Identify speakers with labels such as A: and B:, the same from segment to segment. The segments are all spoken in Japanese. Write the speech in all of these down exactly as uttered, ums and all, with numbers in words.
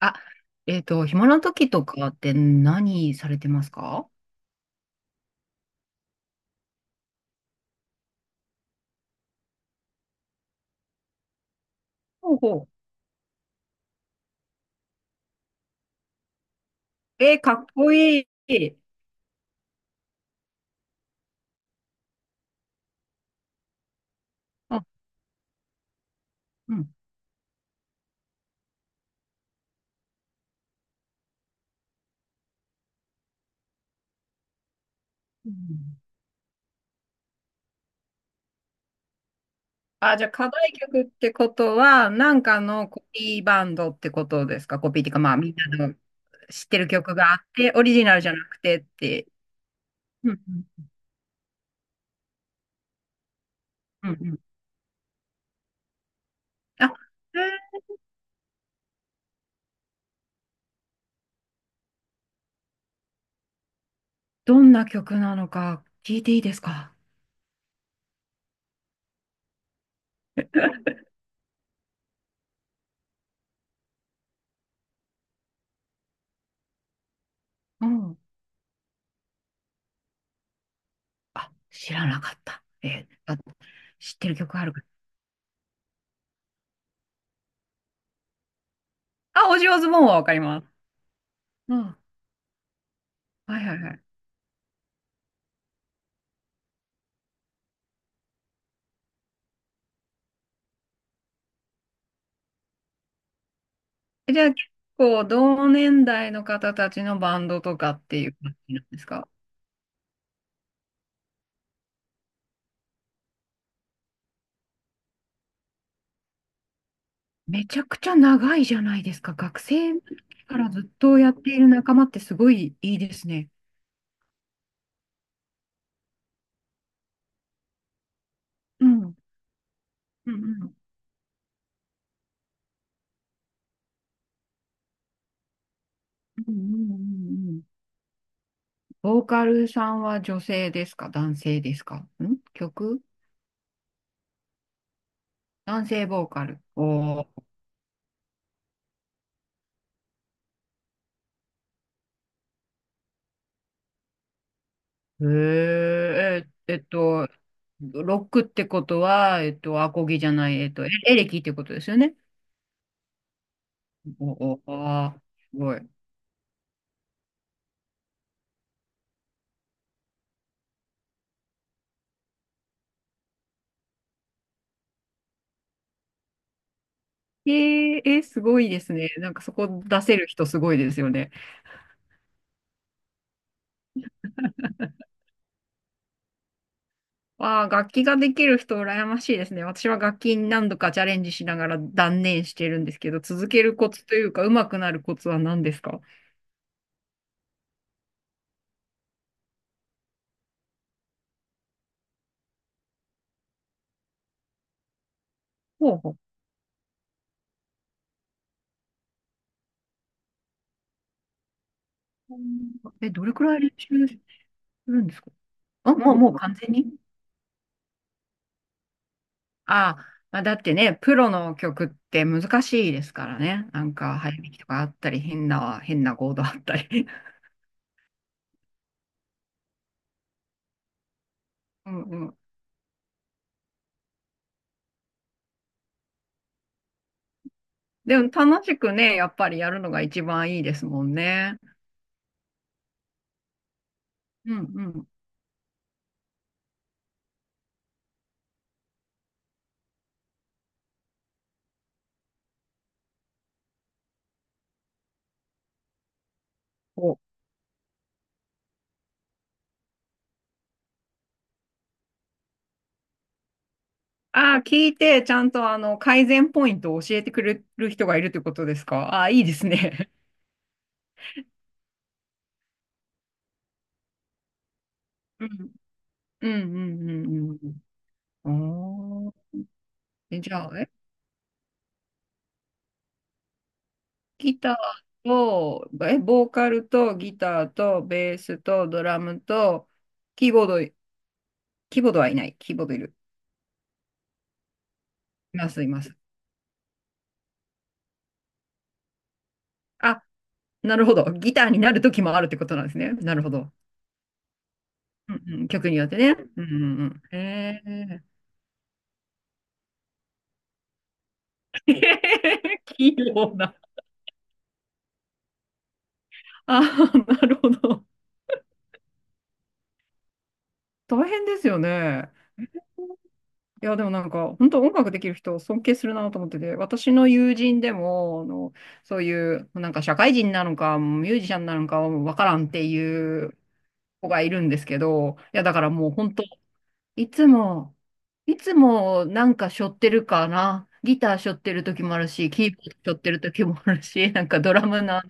A: あ、えっと、暇な時とかって何されてますか？ほうほう。えーかっこいい。あ、うん。うん。あ、じゃあ課題曲ってことは、なんかのコピーバンドってことですか？コピーっていうか、まあみんなの知ってる曲があって、オリジナルじゃなくてって。うんうんうんうん。あ、えーどんな曲なのか聞いていいですか？うん。あ、知らなかった。えーあ、知ってる曲あるか？あ、オジーオズボーンはわかります。うん。はいはいはい。え、じゃあ結構同年代の方たちのバンドとかっていう感じなんですか？めちゃくちゃ長いじゃないですか。学生の時からずっとやっている仲間ってすごいいいですね。うん。うんうん。うんうんうんうん。ボーカルさんは女性ですか、男性ですか？ん、曲、男性ボーカル。おー。へー。え、えっと、ロックってことは、えっと、アコギじゃない、えっと、エエレキってことですよね。おお、あーすごい。えー、えーすごいですね。なんかそこ出せる人すごいですよね。わあ、楽器ができる人羨ましいですね。私は楽器に何度かチャレンジしながら断念してるんですけど、続けるコツというか、上手くなるコツは何ですか？ほうほう。え、どれくらい練習するんですか？あ、もう、もう完全に、ああ、まあ、だってね、プロの曲って難しいですからね。なんか、早弾きとかあったり、変な、変なコードあったり。うん。でも楽しくね、やっぱりやるのが一番いいですもんね。うんうん。お、ああ、聞いて、ちゃんとあの、改善ポイントを教えてくれる人がいるということですか？ああ、いいですね。うん。うんうんうんうん。おー。え、じゃあ、え、ギターと、え、ボーカルとギターとベースとドラムと、キーボード、キーボードはいない。キーボードいる。います、います。あ、なるほど。ギターになる時もあるってことなんですね。なるほど。うんうん、曲によってね。うんうんうん。へえ。器用な。ああ、なるほど。大変ですよね。いや、でもなんか、本当音楽できる人を尊敬するなと思ってて、私の友人でも、あの、そういう、なんか社会人なのか、ミュージシャンなのかわからんっていう子がいるんですけど、いや、だからもう本当いつも、いつもなんか背負ってるかな。ギター背負ってる時もあるし、キーボード背負ってる時もあるし、なんかドラムの、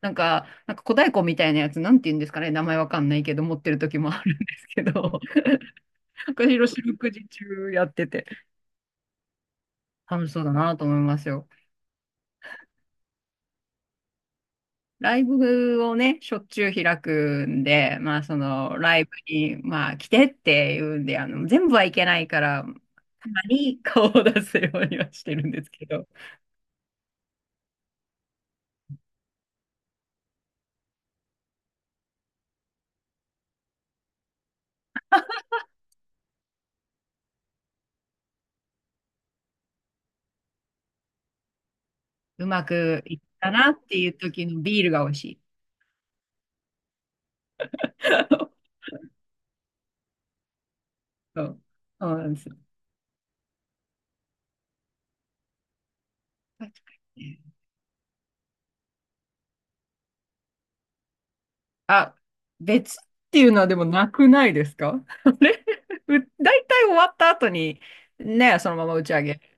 A: なんか、なんか小太鼓みたいなやつ、なんて言うんですかね、名前わかんないけど、持ってる時もあるんですけど、私、四六時中やってて、楽しそうだなと思いますよ。ライブをね、しょっちゅう開くんで、まあ、その、ライブに、まあ、来てっていうんで、あの、全部はいけないから、たまに顔を出すようにはしてるんですけど。うまくいったなっていう時のビールが美味しい。そう。そうなんですよ。確かにね。あ、別っていうのはでもなくないですか？ あれ、う大体終わった後に、ね、そのまま打ち上げ。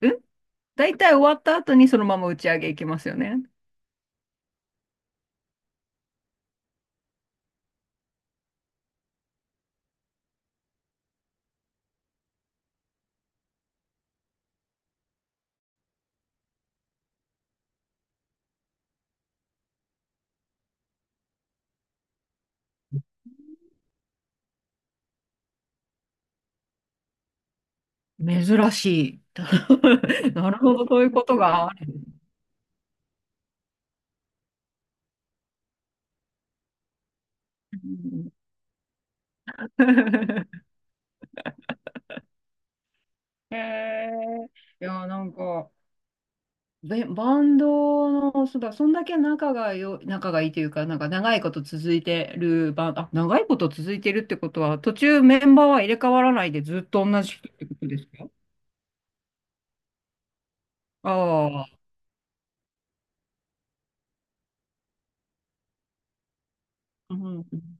A: うん、大体終わった後にそのまま打ち上げ行きますよね。珍しい。なるほど、そういうことがある。うん。 へえ。いや、なんか、べバンドの、そうだ、そんだけ仲がよ、仲がいいというか、なんか長いこと続いてるバンド、あ、長いこと続いてるってことは、途中メンバーは入れ替わらないでずっと同じ人ってことですか？ああ、うん、うん。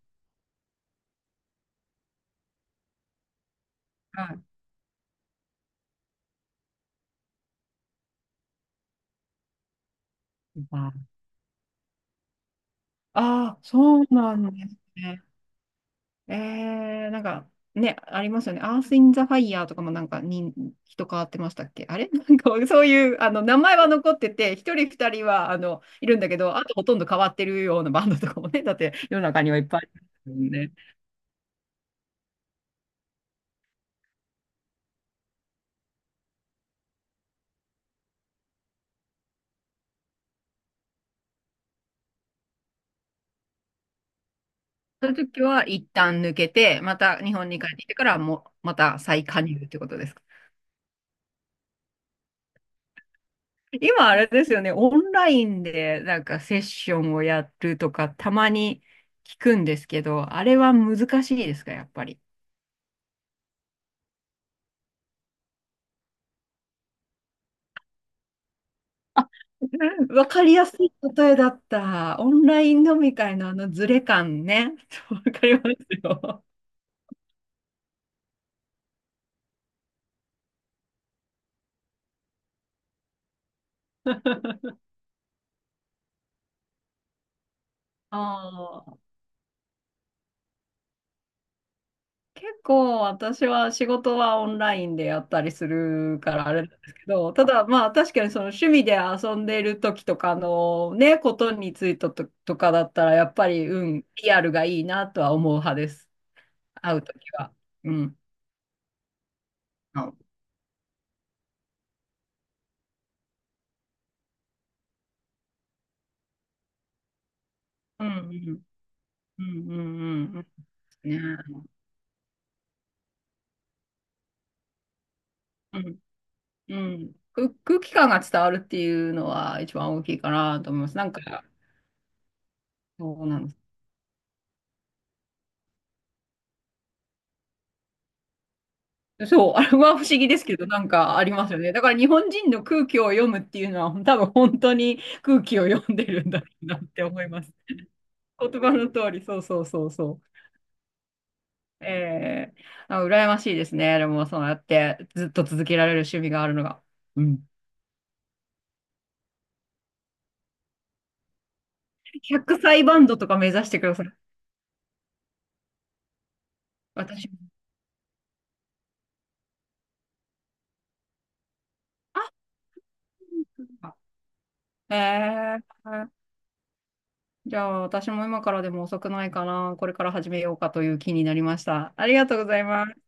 A: はい。ああ、そうなんですね。えー、なんか、ね、ありますよね。アース・イン・ザ・ファイヤーとかもなんかに人変わってましたっけ、あれ？ なんかそういうあの名前は残ってて、一人二人はあのいるんだけど、あとほとんど変わってるようなバンドとかもね、だって世の中にはいっぱいあるもんね。そういう時は一旦抜けて、また日本に帰ってきてからも、また再加入ってことですか？今あれですよね、オンラインでなんかセッションをやるとかたまに聞くんですけど、あれは難しいですか、やっぱり。わかりやすい例えだった。オンライン飲み会のあのズレ感ね。わかりますよ。ああ、結構私は仕事はオンラインでやったりするからあれなんですけど、ただまあ確かにその趣味で遊んでる時とかのね、ことについてと、とかだったらやっぱり、うん、リアルがいいなとは思う派です。会う時は。うん。うんうんうんうんうんうん。ね。うん。く空気感が伝わるっていうのは一番大きいかなと思います。なんか、そうなんです。そう、あれは不思議ですけど、なんかありますよね。だから日本人の空気を読むっていうのは、多分本当に空気を読んでるんだろうなって思います。言葉の通り、そうそうそうそう。えー、あ、羨ましいですね。でも、そうやってずっと続けられる趣味があるのが。うん。ひゃくさいバンドとか目指してください。私も。あ、えーじゃあ、私も今からでも遅くないかな。これから始めようかという気になりました。ありがとうございます。